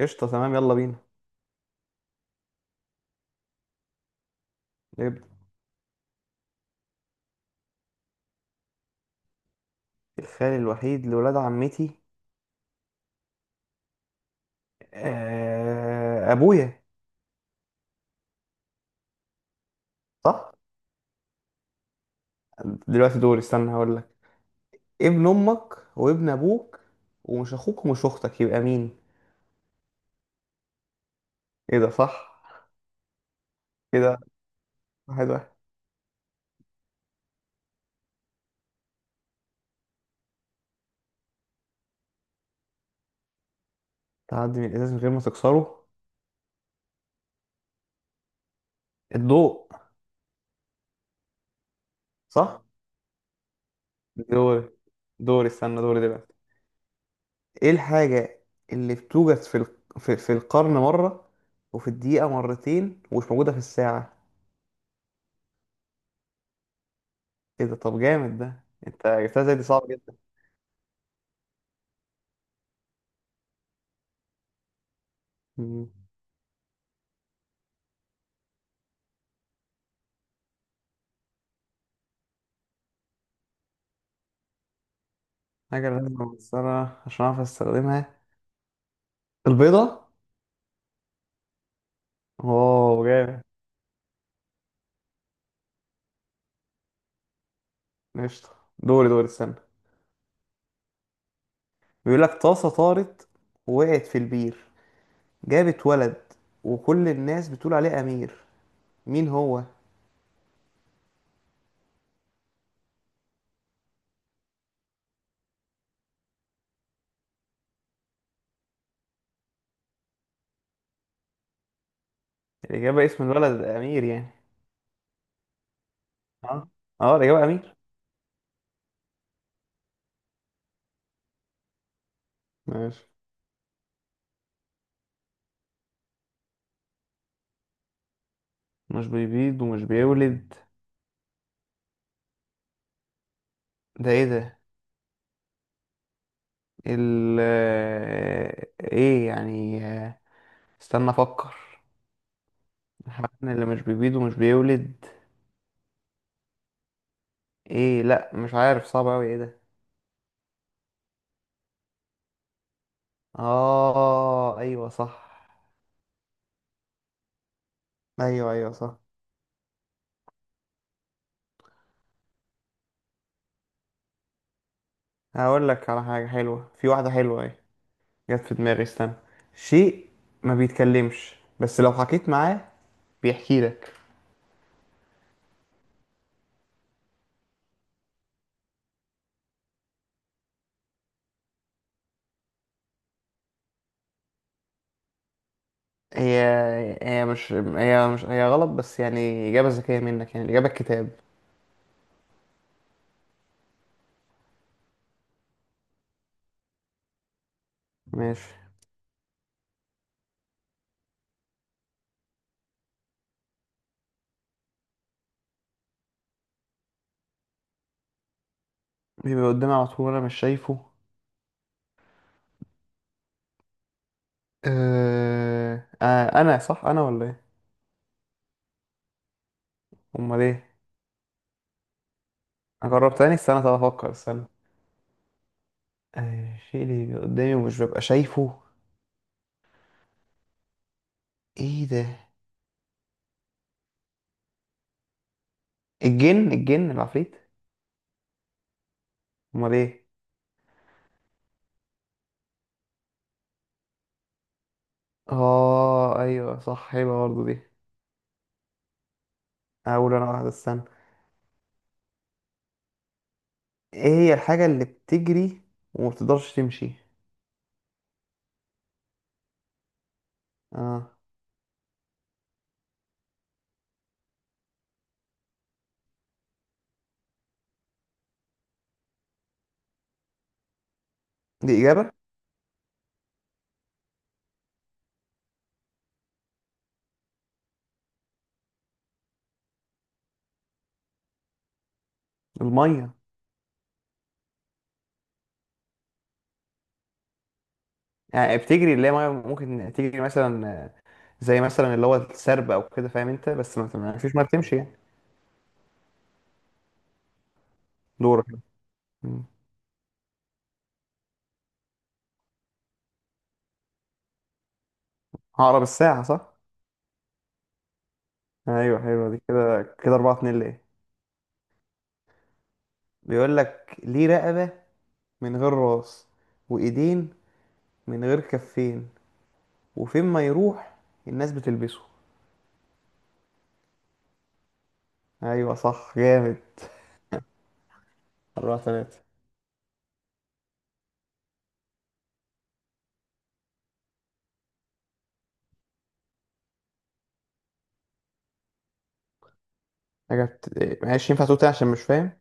قشطة تمام يلا بينا نبدأ. الخال الوحيد لولاد عمتي أبويا. صح؟ دلوقتي دوري استنى هقول لك. ابن أمك وابن أبوك ومش أخوك ومش أختك يبقى مين؟ إيه ده، صح؟ كده واحد واحد. تعدي من الإزاز من غير ما تكسره، الضوء. صح؟ دوري دوري استنى، دوري دلوقتي. إيه الحاجة اللي بتوجد في القرن مرة وفي الدقيقة مرتين ومش موجودة في الساعة؟ إيه ده، طب جامد ده، أنت جبتها زي دي صعب جدا. مم. حاجة لازم أكسرها عشان أعرف أستخدمها، البيضة. واو جامد. قشطة، دوري استنى. بيقول لك طاسة طارت ووقعت في البير، جابت ولد وكل الناس بتقول عليه أمير، مين هو؟ الإجابة اسم الولد أمير يعني. اه اه الإجابة أمير. ماشي، مش بيبيض ومش بيولد، ده ايه ده؟ ال آه، ايه يعني آه، استنى افكر. الحيوان اللي مش بيبيض ومش بيولد، ايه، لا مش عارف، صعب اوي ايه ده. اه ايوه صح. ايوه صح. هقول لك على حاجه حلوه، في واحده حلوه اهي، جت في دماغي استنى. شيء ما بيتكلمش بس لو حكيت معاه بيحكي لك. هي هي مش هي مش هي غلط بس يعني اجابه ذكيه منك، يعني الاجابه الكتاب. ماشي، بيبقى قدامي على طول انا مش شايفه. آه انا صح انا ولا ايه؟ امال ايه؟ اجرب تاني، استنى، طب افكر، استنى. الشيء اللي بيبقى قدامي ومش ببقى شايفه، ايه ده؟ الجن، الجن، العفريت. امال ايه؟ اه ايوه صح، حلوه برضه دي. اقول انا واحده، استنى. ايه هي الحاجه اللي بتجري وما بتقدرش تمشي؟ اه دي اجابه. الميه، يعني بتجري اللي هي ميه، ممكن تجري مثلا، زي مثلا اللي هو السرب او كده، فاهم انت، بس ما فيش ميه بتمشي يعني. دورك. مم. هقرب الساعه، صح؟ ايوه حلوه دي، كده كده 4 2 ليه. بيقول لك ليه رقبه من غير راس وايدين من غير كفين، وفين ما يروح الناس بتلبسه. ايوه صح جامد. أربعة تلاتة. حاجة بت... معلش ينفع تقول تاني عشان مش فاهم.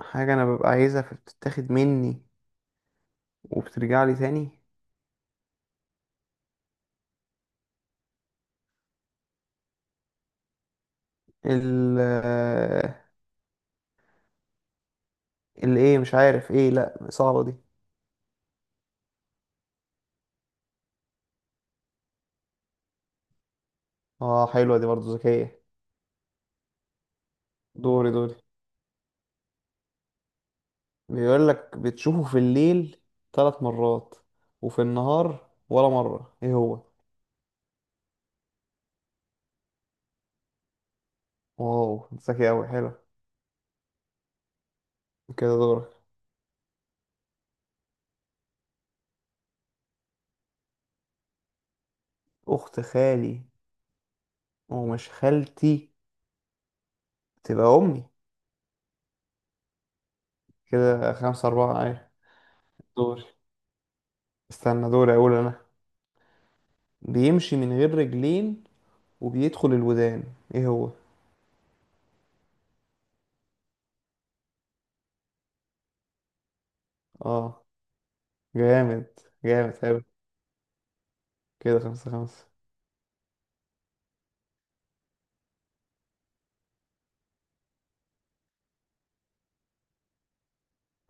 حاجة أنا ببقى عايزها فبتتاخد مني وبترجع لي تاني. ال اللي مش عارف إيه، لأ صعبة دي. آه حلوة دي برضه، ذكية. دوري. بيقول لك بتشوفه في الليل ثلاث مرات وفي النهار ولا مرة، إيه هو؟ واو ذكي أوي، حلو كده. دورك. أخت خالي ومش خالتي تبقى أمي. كده خمسة أربعة، أيوة. دوري دوري أقول أنا. بيمشي من غير رجلين وبيدخل الودان، إيه هو؟ آه جامد، جامد أوي. كده خمسة خمسة.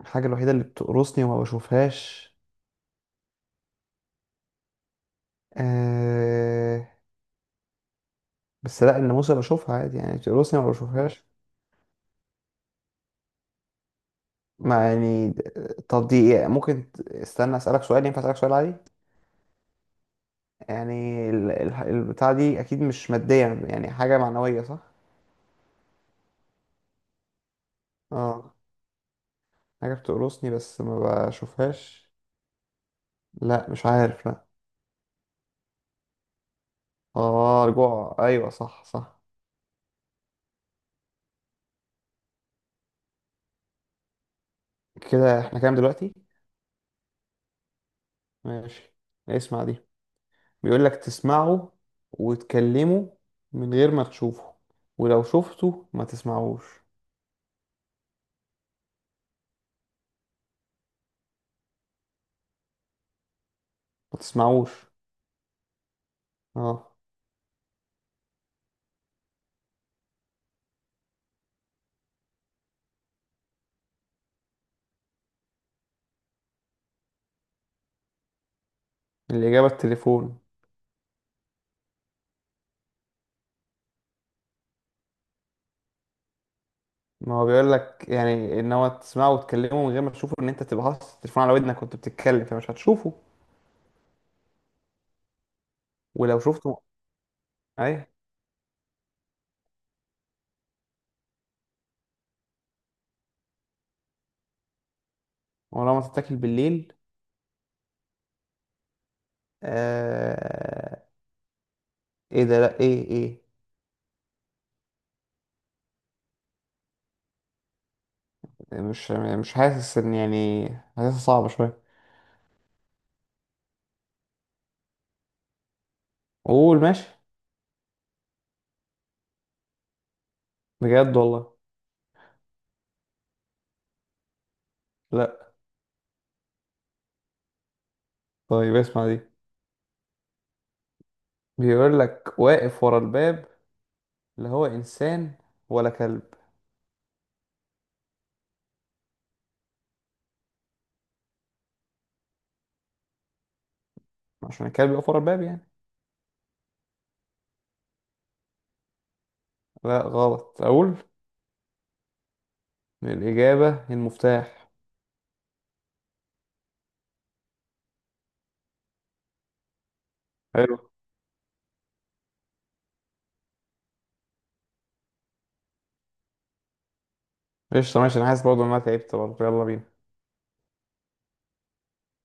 الحاجة الوحيدة اللي بتقرصني وما بشوفهاش، آه... بس لا الناموسة بشوفها عادي، يعني بتقرصني وما بشوفهاش. ما يعني، طب دي إيه؟ ممكن استنى أسألك سؤال، ينفع أسألك سؤال عادي؟ يعني البتاع دي أكيد مش مادية، يعني حاجة معنوية، صح؟ آه، حاجة بتقرصني بس ما بشوفهاش، لا مش عارف، لا. اه رجوع، ايوه صح صح. كده احنا كام دلوقتي؟ ماشي، اسمع دي. بيقول لك تسمعوا وتكلموا من غير ما تشوفه، ولو شفته ما تسمعوش. ما تسمعوش، اه. الإجابة التليفون. ما هو بيقول لك يعني ان هو تسمعه وتكلمه من غير ما تشوفه، ان انت تبقى حاطط التليفون على ودنك وانت بتتكلم فمش هتشوفه ولو شفته. ايوه. ولو ما تتاكل بالليل، آه... ايه ده، لا ايه. يعني مش حاسس ان يعني حاسسها صعبة شوية. قول ماشي. بجد والله؟ لا. طيب اسمع دي. بيقول لك واقف ورا الباب، لا هو انسان ولا كلب. عشان الكلب يقف ورا الباب يعني. لا غلط، اقول. الاجابة المفتاح. حلو. قشطة ماشي، انا حاسس برضه ان انا تعبت برضه، يلا بينا.